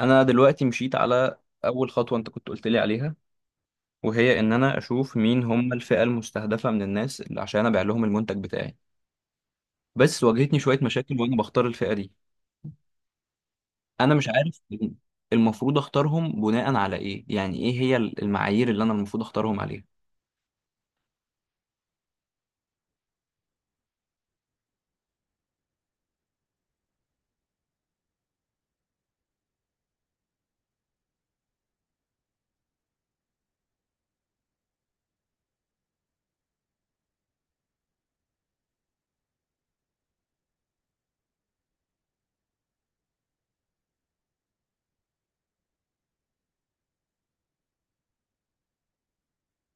انا دلوقتي مشيت على اول خطوه انت كنت قلت لي عليها، وهي ان انا اشوف مين هم الفئه المستهدفه من الناس اللي عشان ابيع لهم المنتج بتاعي. بس واجهتني شويه مشاكل وانا بختار الفئه دي. انا مش عارف المفروض اختارهم بناء على ايه، يعني ايه هي المعايير اللي انا المفروض اختارهم عليها؟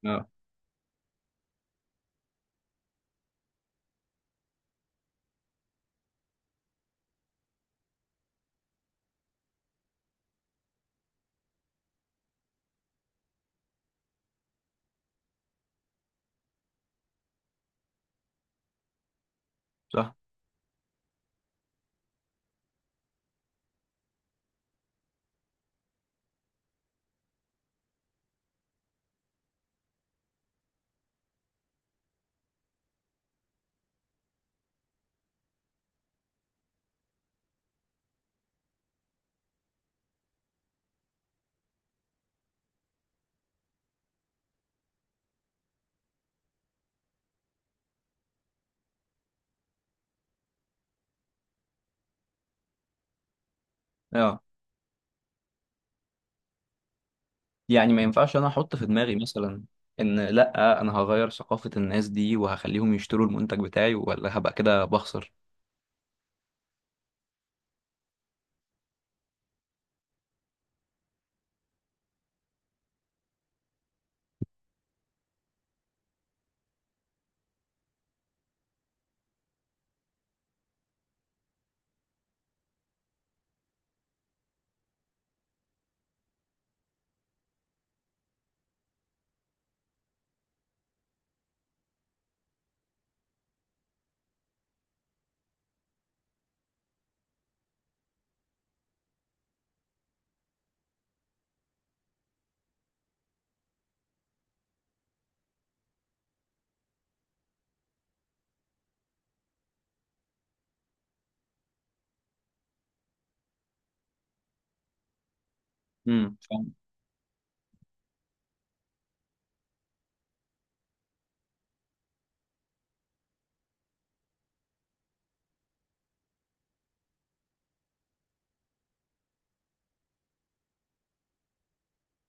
اه. صح. اه. يعني ما ينفعش انا احط في دماغي مثلا ان لا، انا هغير ثقافه الناس دي وهخليهم يشتروا المنتج بتاعي، ولا هبقى كده بخسر؟ فاهم.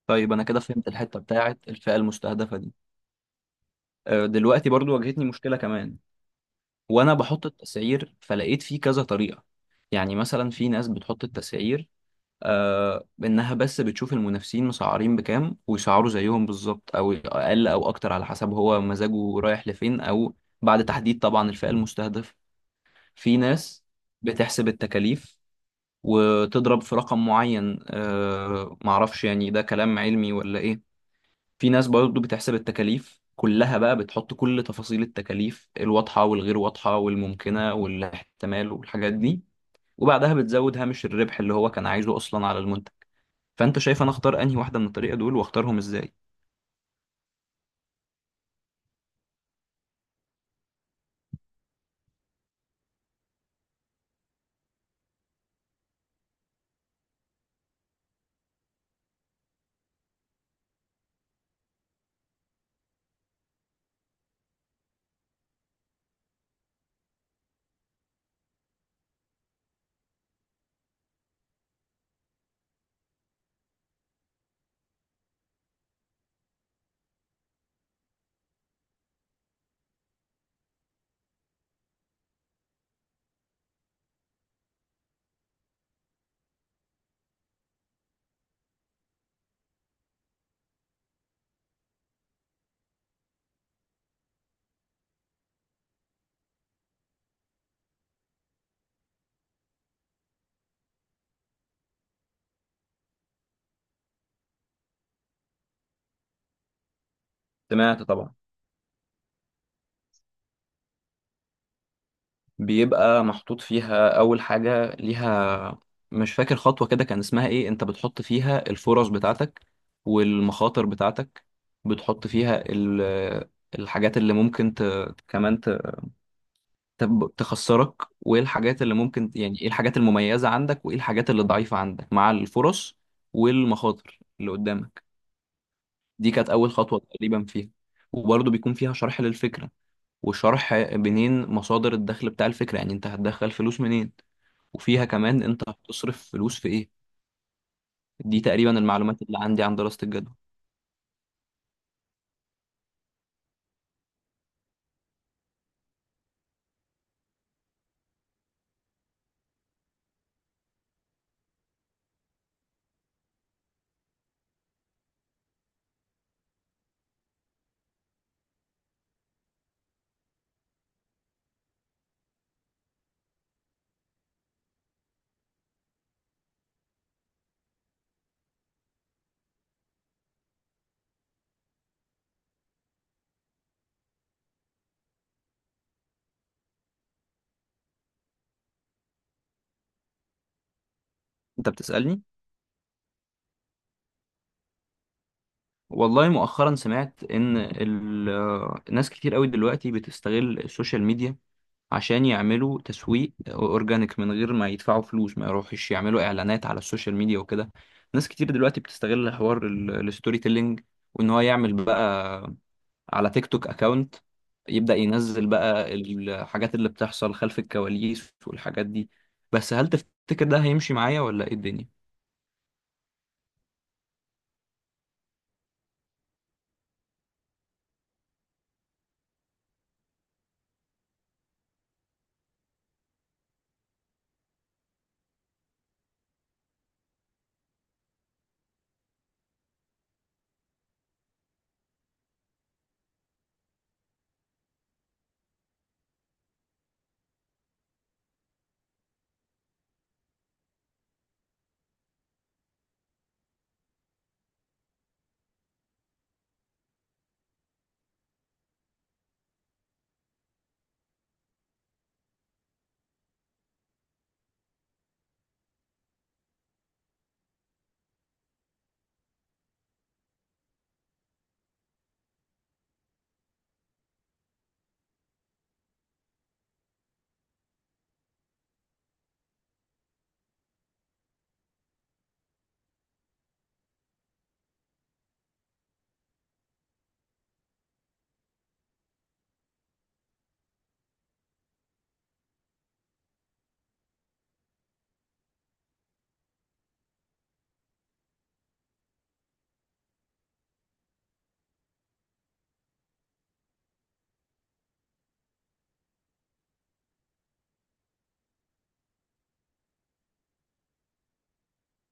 طيب انا كده فهمت الحته بتاعت الفئه المستهدفه دي. دلوقتي برضو واجهتني مشكلة كمان وانا بحط التسعير، فلقيت فيه كذا طريقة. يعني مثلا في ناس بتحط التسعير انها بس بتشوف المنافسين مسعرين بكام ويسعروا زيهم بالظبط او اقل او اكتر على حسب هو مزاجه رايح لفين، او بعد تحديد طبعا الفئة المستهدفة. في ناس بتحسب التكاليف وتضرب في رقم معين، معرفش يعني ده كلام علمي ولا ايه. في ناس برضه بتحسب التكاليف كلها بقى، بتحط كل تفاصيل التكاليف الواضحة والغير واضحة والممكنة والاحتمال والحاجات دي، وبعدها بتزود هامش الربح اللي هو كان عايزه أصلا على المنتج. فأنت شايف أنا أختار أنهي واحدة من الطريقة دول، وأختارهم إزاي؟ سمعت طبعا. بيبقى محطوط فيها أول حاجة ليها، مش فاكر خطوة كده كان اسمها إيه، أنت بتحط فيها الفرص بتاعتك والمخاطر بتاعتك. بتحط فيها الحاجات اللي ممكن كمان تخسرك. وايه الحاجات اللي ممكن، يعني ايه الحاجات المميزة عندك وايه الحاجات اللي ضعيفة عندك، مع الفرص والمخاطر اللي قدامك. دي كانت أول خطوة تقريبا فيها. وبرضه بيكون فيها شرح للفكرة، وشرح منين مصادر الدخل بتاع الفكرة، يعني انت هتدخل فلوس منين، وفيها كمان انت هتصرف فلوس في ايه. دي تقريبا المعلومات اللي عندي عن دراسة الجدوى. انت بتسألني؟ والله مؤخرا سمعت ان ناس كتير قوي دلوقتي بتستغل السوشيال ميديا عشان يعملوا تسويق اورجانيك من غير ما يدفعوا فلوس، ما يروحش يعملوا اعلانات على السوشيال ميديا وكده. ناس كتير دلوقتي بتستغل حوار الستوري تيلينج، وان هو يعمل بقى على تيك توك اكاونت، يبدأ ينزل بقى الحاجات اللي بتحصل خلف الكواليس والحاجات دي. بس هل تفتكر ده هيمشي معايا ولا ايه الدنيا؟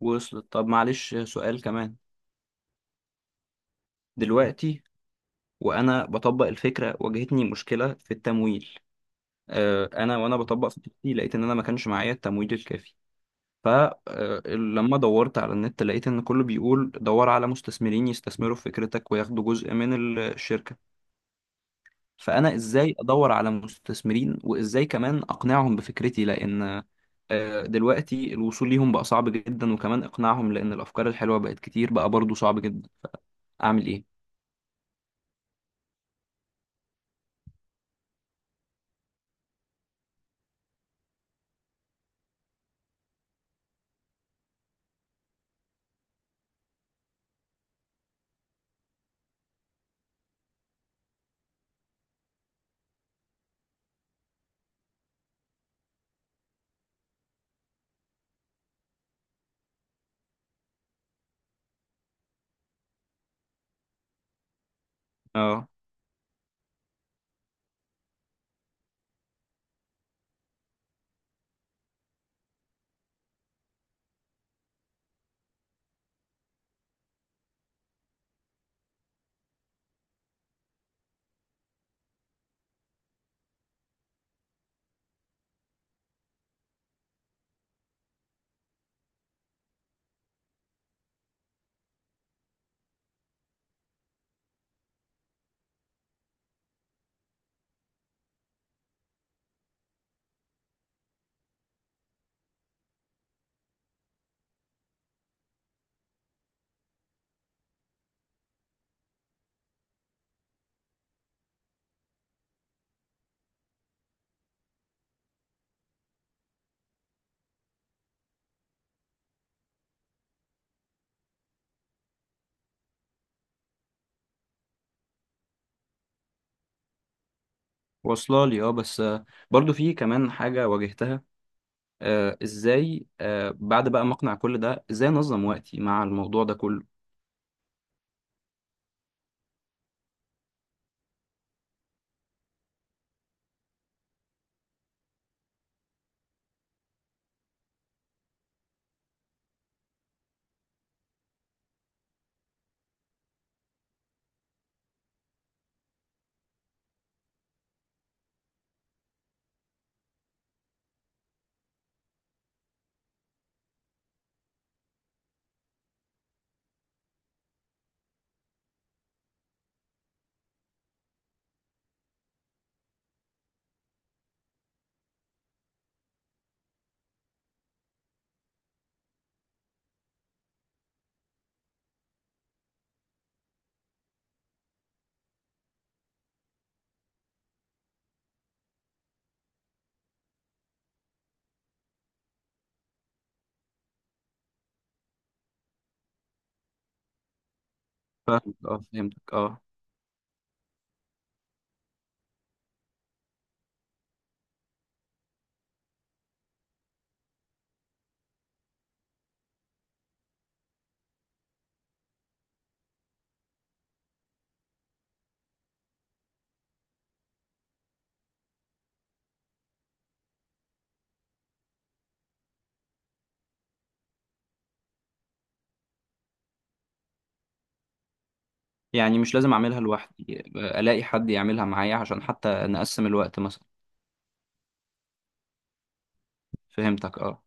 وصلت. طب معلش سؤال كمان. دلوقتي وانا بطبق الفكرة، واجهتني مشكلة في التمويل. انا وانا بطبق خطتي لقيت ان انا ما كانش معايا التمويل الكافي. فلما دورت على النت لقيت ان كله بيقول دور على مستثمرين يستثمروا في فكرتك وياخدوا جزء من الشركة. فانا ازاي ادور على مستثمرين، وازاي كمان اقنعهم بفكرتي؟ لان دلوقتي الوصول ليهم بقى صعب جدا، وكمان اقناعهم لان الافكار الحلوة بقت كتير، بقى برضو صعب جدا. اعمل ايه؟ اه، واصله لي، اه، بس برضو في كمان حاجة واجهتها. ازاي بعد بقى ما اقنع كل ده، ازاي انظم وقتي مع الموضوع ده كله؟ فاهمك، اه. فهمتك، اه. يعني مش لازم اعملها لوحدي، الاقي حد يعملها معايا عشان حتى نقسم الوقت مثلا. فهمتك، اه.